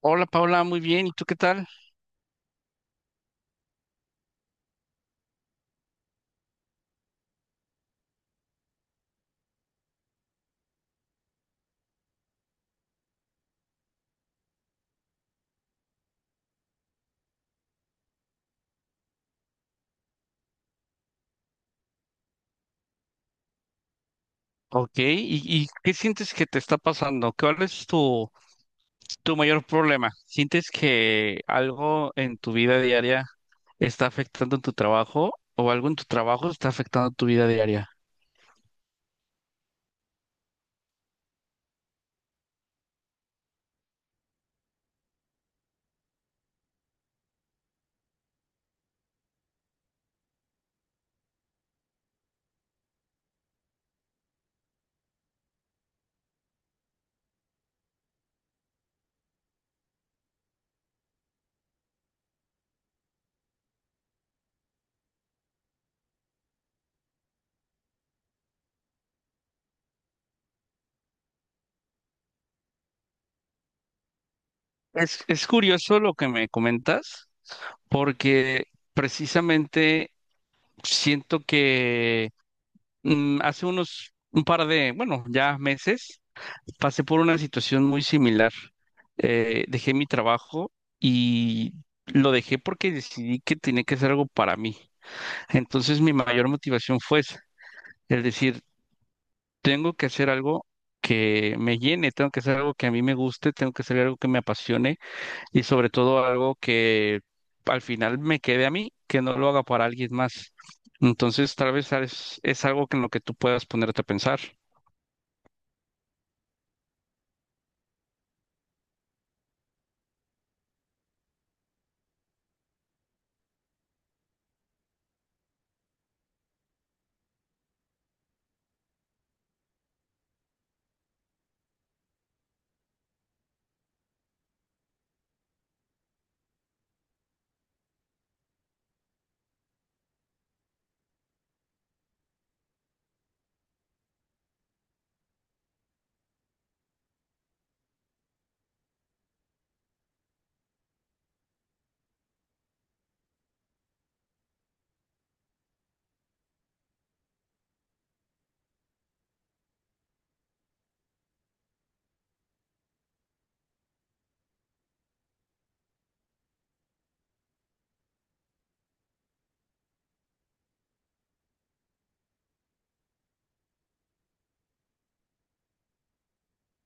Hola Paula, muy bien. ¿Y tú qué tal? Ok. ¿¿Y qué sientes que te está pasando? ¿Cuál es tu mayor problema? ¿Sientes que algo en tu vida diaria está afectando tu trabajo o algo en tu trabajo está afectando tu vida diaria? Es curioso lo que me comentas, porque precisamente siento que hace unos un par de, bueno, ya meses, pasé por una situación muy similar. Dejé mi trabajo y lo dejé porque decidí que tenía que hacer algo para mí. Entonces mi mayor motivación fue esa, el decir, tengo que hacer algo que me llene, tengo que hacer algo que a mí me guste, tengo que hacer algo que me apasione y sobre todo algo que al final me quede a mí, que no lo haga para alguien más. Entonces tal vez es algo que en lo que tú puedas ponerte a pensar.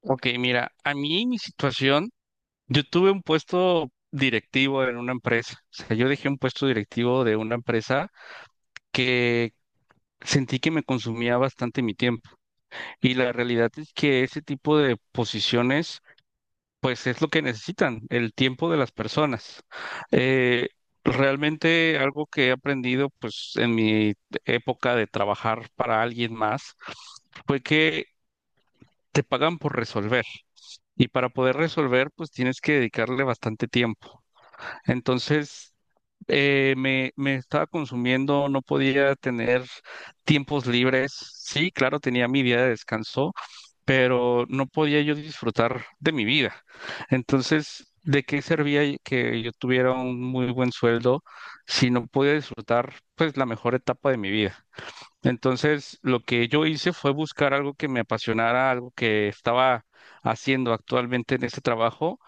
Ok, mira, a mí mi situación. Yo tuve un puesto directivo en una empresa. O sea, yo dejé un puesto directivo de una empresa que sentí que me consumía bastante mi tiempo. Y la realidad es que ese tipo de posiciones, pues es lo que necesitan, el tiempo de las personas. Eh, Realmente algo que he aprendido, pues en mi época de trabajar para alguien más, fue que te pagan por resolver. Y para poder resolver, pues tienes que dedicarle bastante tiempo. Entonces, me estaba consumiendo, no podía tener tiempos libres. Sí, claro, tenía mi día de descanso, pero no podía yo disfrutar de mi vida. Entonces, ¿de qué servía que yo tuviera un muy buen sueldo si no podía disfrutar, pues, la mejor etapa de mi vida? Entonces, lo que yo hice fue buscar algo que me apasionara, algo que estaba haciendo actualmente en este trabajo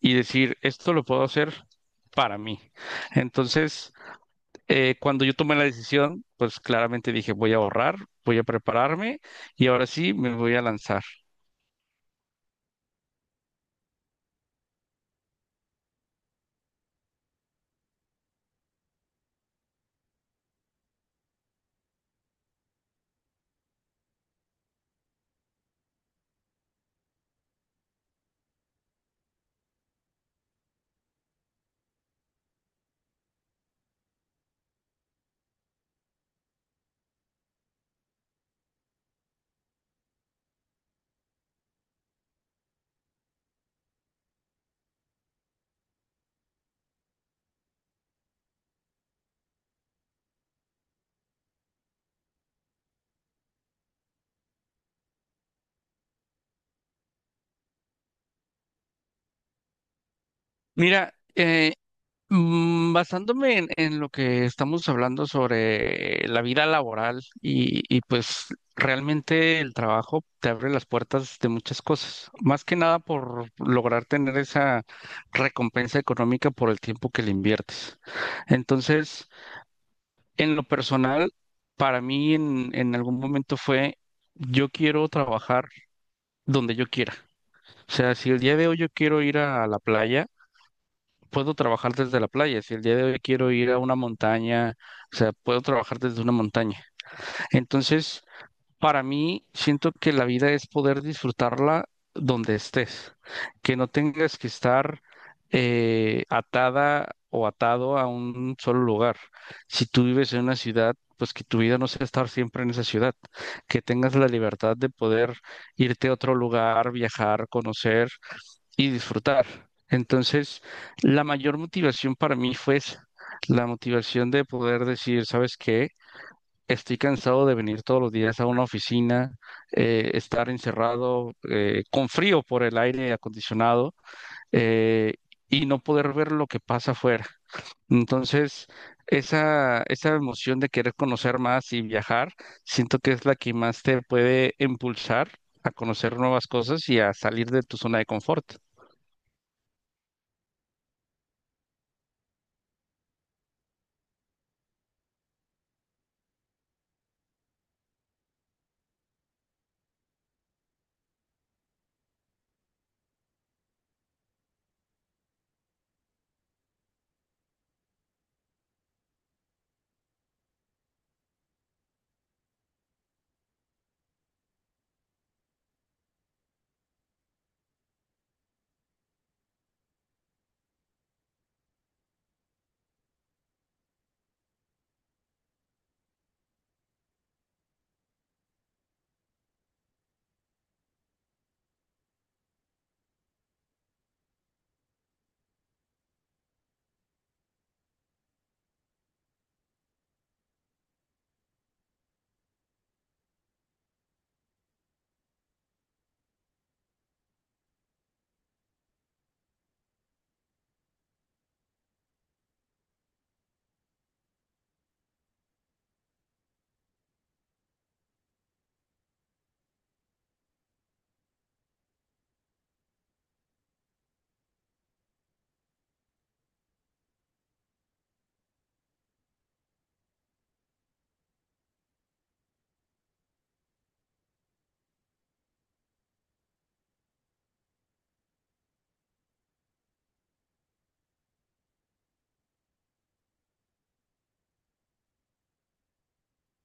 y decir, esto lo puedo hacer para mí. Entonces, cuando yo tomé la decisión, pues claramente dije, voy a ahorrar, voy a prepararme y ahora sí me voy a lanzar. Mira, basándome en lo que estamos hablando sobre la vida laboral y pues realmente el trabajo te abre las puertas de muchas cosas, más que nada por lograr tener esa recompensa económica por el tiempo que le inviertes. Entonces, en lo personal, para mí en algún momento fue, yo quiero trabajar donde yo quiera. O sea, si el día de hoy yo quiero ir a la playa, puedo trabajar desde la playa. Si el día de hoy quiero ir a una montaña, o sea, puedo trabajar desde una montaña. Entonces, para mí, siento que la vida es poder disfrutarla donde estés, que no tengas que estar atada o atado a un solo lugar. Si tú vives en una ciudad, pues que tu vida no sea estar siempre en esa ciudad, que tengas la libertad de poder irte a otro lugar, viajar, conocer y disfrutar. Entonces, la mayor motivación para mí fue esa, la motivación de poder decir, ¿sabes qué? Estoy cansado de venir todos los días a una oficina, estar encerrado con frío por el aire acondicionado eh, y no poder ver lo que pasa afuera. Entonces, esa emoción de querer conocer más y viajar, siento que es la que más te puede impulsar a conocer nuevas cosas y a salir de tu zona de confort.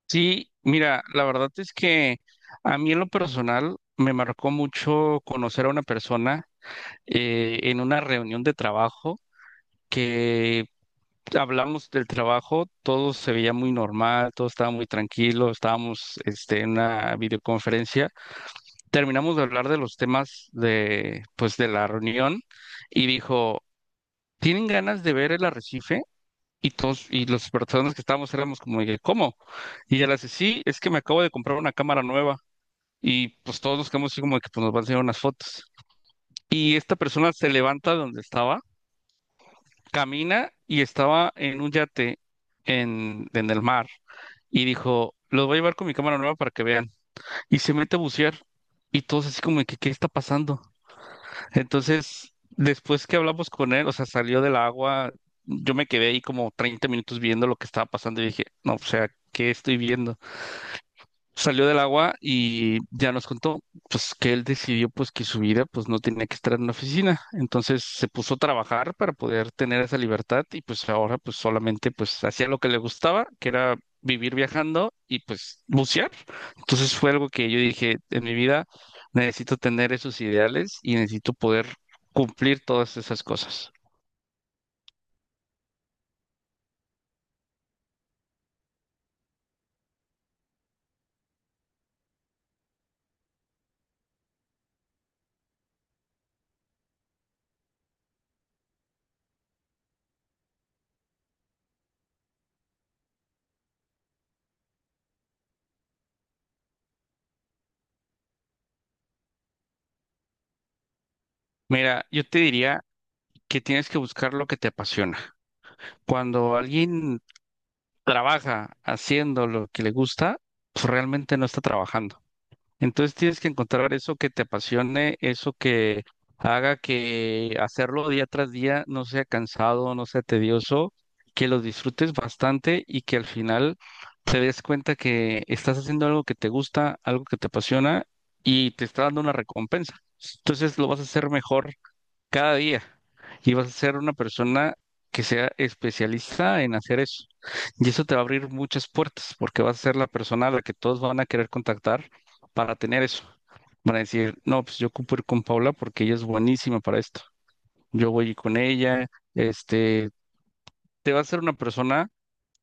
Sí, mira, la verdad es que a mí en lo personal me marcó mucho conocer a una persona en una reunión de trabajo que hablamos del trabajo, todo se veía muy normal, todo estaba muy tranquilo, estábamos este, en una videoconferencia, terminamos de hablar de los temas de, pues, de la reunión y dijo, ¿tienen ganas de ver el arrecife? Y todos, y las personas que estábamos éramos como, de, ¿cómo? Y ella le dice, sí, es que me acabo de comprar una cámara nueva. Y pues todos nos quedamos así como de que pues, nos van a enseñar unas fotos. Y esta persona se levanta de donde estaba, camina y estaba en un yate en el mar y dijo, los voy a llevar con mi cámara nueva para que vean. Y se mete a bucear y todos así como de que, ¿qué está pasando? Entonces, después que hablamos con él, o sea, salió del agua, yo me quedé ahí como 30 minutos viendo lo que estaba pasando y dije, no, o sea, ¿qué estoy viendo? Salió del agua y ya nos contó pues que él decidió pues que su vida pues no tenía que estar en una oficina. Entonces se puso a trabajar para poder tener esa libertad y pues ahora pues solamente pues hacía lo que le gustaba, que era vivir viajando y pues bucear. Entonces fue algo que yo dije, en mi vida necesito tener esos ideales y necesito poder cumplir todas esas cosas. Mira, yo te diría que tienes que buscar lo que te apasiona. Cuando alguien trabaja haciendo lo que le gusta, pues realmente no está trabajando. Entonces tienes que encontrar eso que te apasione, eso que haga que hacerlo día tras día no sea cansado, no sea tedioso, que lo disfrutes bastante y que al final te des cuenta que estás haciendo algo que te gusta, algo que te apasiona y te está dando una recompensa. Entonces lo vas a hacer mejor cada día y vas a ser una persona que sea especialista en hacer eso. Y eso te va a abrir muchas puertas porque vas a ser la persona a la que todos van a querer contactar para tener eso. Van a decir, no, pues yo ocupo ir con Paula porque ella es buenísima para esto. Yo voy con ella, este, te va a ser una persona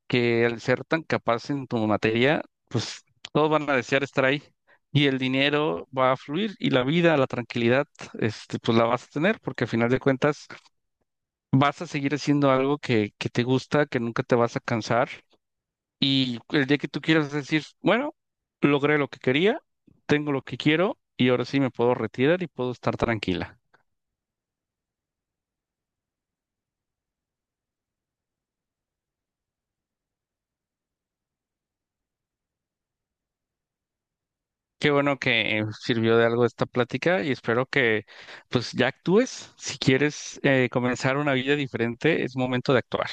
que al ser tan capaz en tu materia, pues todos van a desear estar ahí. Y el dinero va a fluir y la vida, la tranquilidad, este, pues la vas a tener, porque al final de cuentas vas a seguir haciendo algo que te gusta, que nunca te vas a cansar. Y el día que tú quieras decir, bueno, logré lo que quería, tengo lo que quiero y ahora sí me puedo retirar y puedo estar tranquila. Qué bueno que sirvió de algo esta plática y espero que pues ya actúes. Si quieres comenzar una vida diferente, es momento de actuar.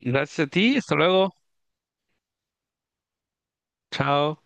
Gracias a ti, hasta luego. Chao.